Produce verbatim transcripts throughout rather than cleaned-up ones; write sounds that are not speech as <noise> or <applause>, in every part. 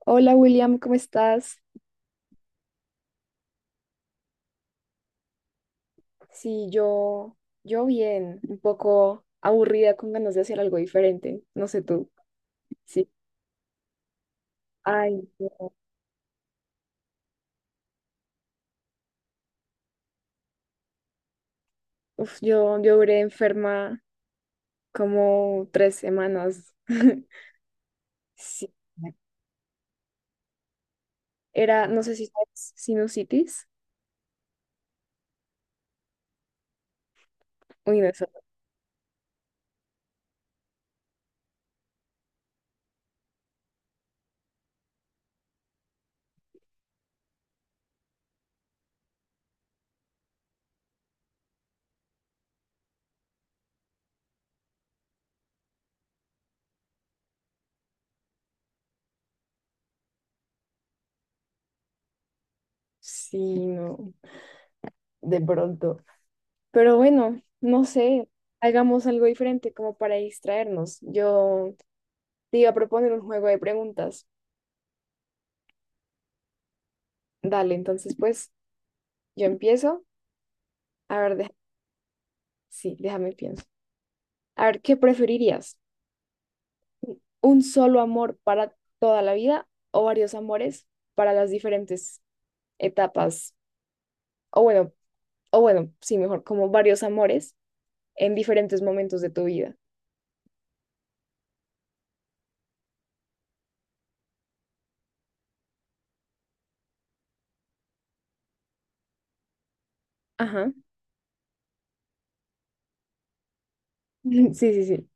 Hola William, ¿cómo estás? Sí, yo, yo bien, un poco aburrida con ganas de hacer algo diferente, no sé tú. Sí. Ay, no. Uf, yo, yo duré enferma como tres semanas. <laughs> Sí. Era, no sé si sabes, sinusitis. Uy, no, eso no. Sí, no, de pronto. Pero bueno, no sé, hagamos algo diferente como para distraernos. Yo te iba a proponer un juego de preguntas. Dale, entonces pues. Yo empiezo. A ver, deja- sí, déjame pienso. A ver, ¿qué preferirías? ¿Un solo amor para toda la vida o varios amores para las diferentes etapas? O bueno, o bueno, sí, mejor, como varios amores en diferentes momentos de tu vida. Ajá. <laughs> Sí, sí, sí.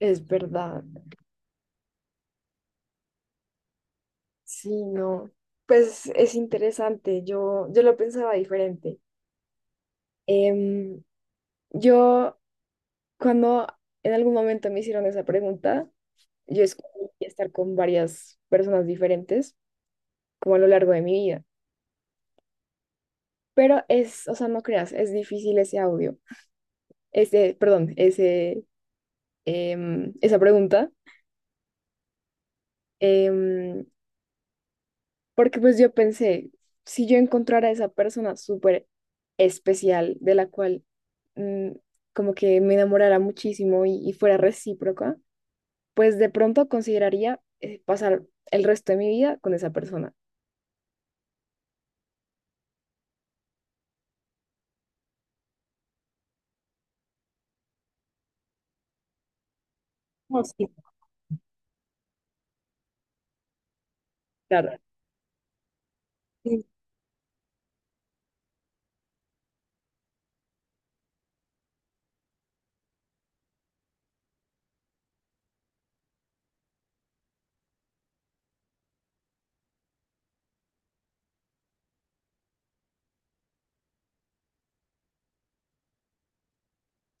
Es verdad. Sí, no. Pues es interesante. Yo, yo lo pensaba diferente. Em, yo, cuando en algún momento me hicieron esa pregunta, yo escogí estar con varias personas diferentes como a lo largo de mi vida. Pero es, o sea, no creas, es difícil ese audio, ese, perdón, ese, em, esa pregunta, em, porque pues yo pensé, si yo encontrara esa persona súper especial de la cual mm, como que me enamorara muchísimo y, y fuera recíproca, pues de pronto consideraría eh, pasar el resto de mi vida con esa persona. Claro. Sí,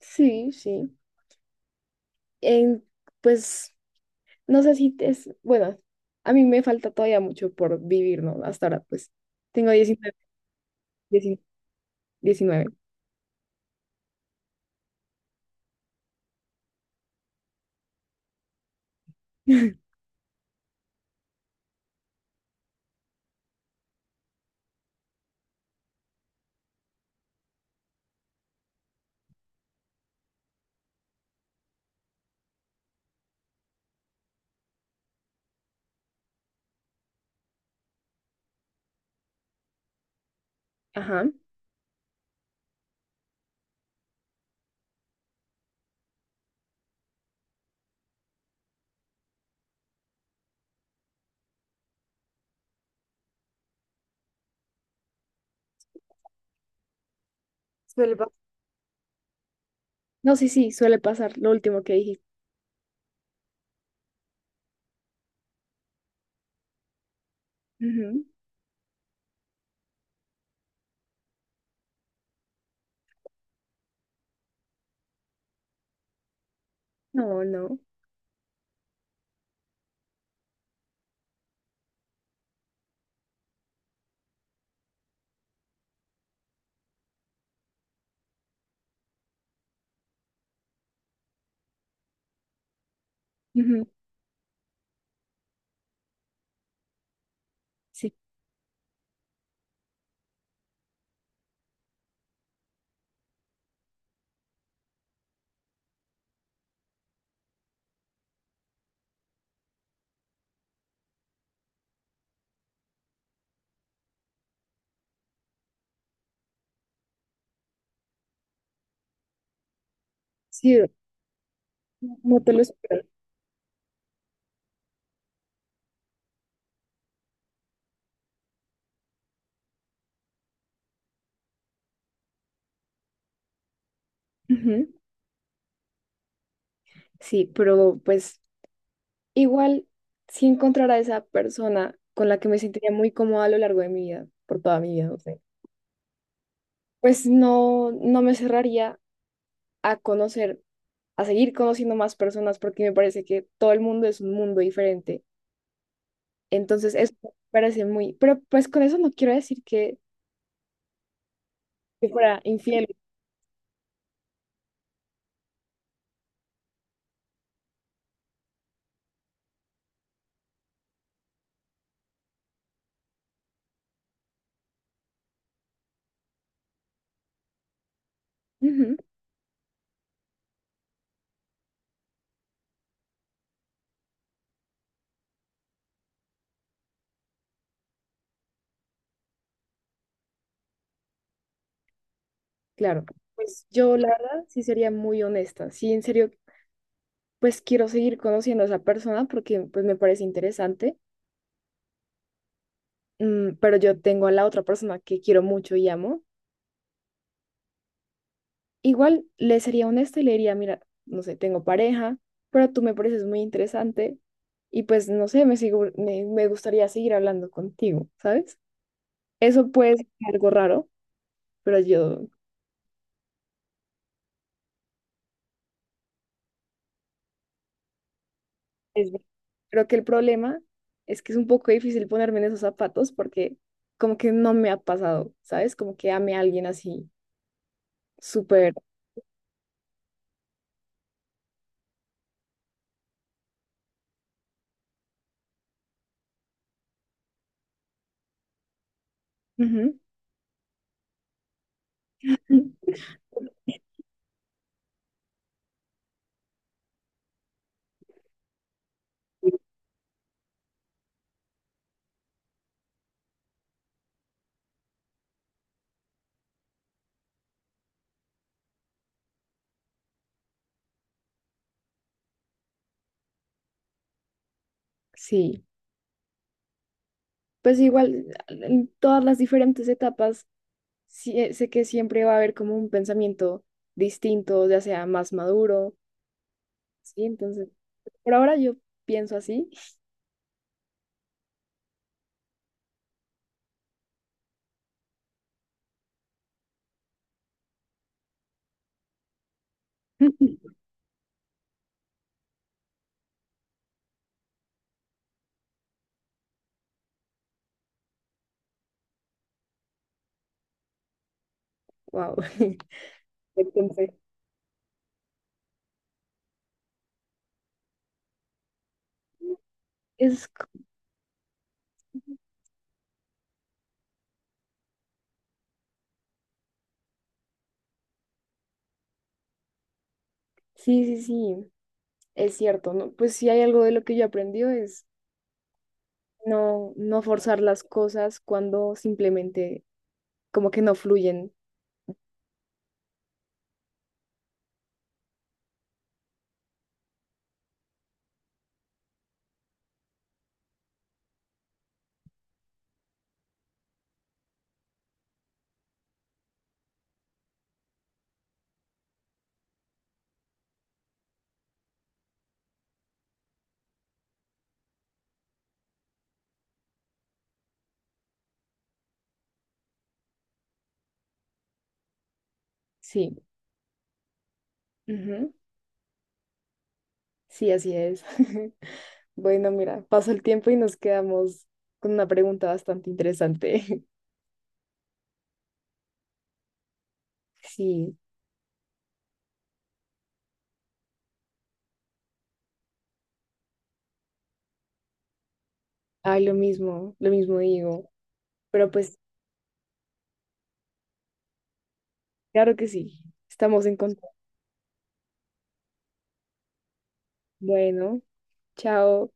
sí, sí. En, pues, no sé si es, bueno, a mí me falta todavía mucho por vivir, ¿no? Hasta ahora, pues, tengo diecinueve. 19. diecinueve. <laughs> Ajá. Suele pasar. No, sí, sí, suele pasar lo último que dijiste. Ujú. No, no. Ujú. Sí, sí, no te lo espero. Ujú. Sí, pero pues igual sí encontrar a esa persona con la que me sentiría muy cómoda a lo largo de mi vida, por toda mi vida, no sé. Pues no, no me cerraría a conocer a seguir conociendo más personas porque me parece que todo el mundo es un mundo diferente. Entonces, eso me parece muy, pero pues con eso no quiero decir que, que fuera infiel. Ujú, claro, pues yo la verdad sí sería muy honesta. Sí, en serio, pues quiero seguir conociendo a esa persona porque pues me parece interesante, mm, pero yo tengo a la otra persona que quiero mucho y amo. Igual le sería honesta y le diría, mira, no sé, tengo pareja, pero tú me pareces muy interesante y pues no sé, me sigo, me, me gustaría seguir hablando contigo, ¿sabes? Eso puede ser algo raro, pero yo es ver- creo que el problema es que es un poco difícil ponerme en esos zapatos porque como que no me ha pasado, ¿sabes? Como que ame a alguien así, súper. Ujú. Sí, pues igual en todas las diferentes etapas sí, eh, sé que siempre va a haber como un pensamiento distinto, ya sea más maduro, ¿sí? Entonces, por ahora yo pienso así. <laughs> Wow. <laughs> Entonces, es, co- sí, sí, sí, es cierto, ¿no? Pues sí hay algo de lo que yo aprendí es no, no forzar las cosas cuando simplemente como que no fluyen. Sí. Ujú. Sí, así es. <laughs> Bueno, mira, pasó el tiempo y nos quedamos con una pregunta bastante interesante. <laughs> Sí. Ay, lo mismo, lo mismo digo. Pero pues, claro que sí. Estamos en contacto. Bueno, chao.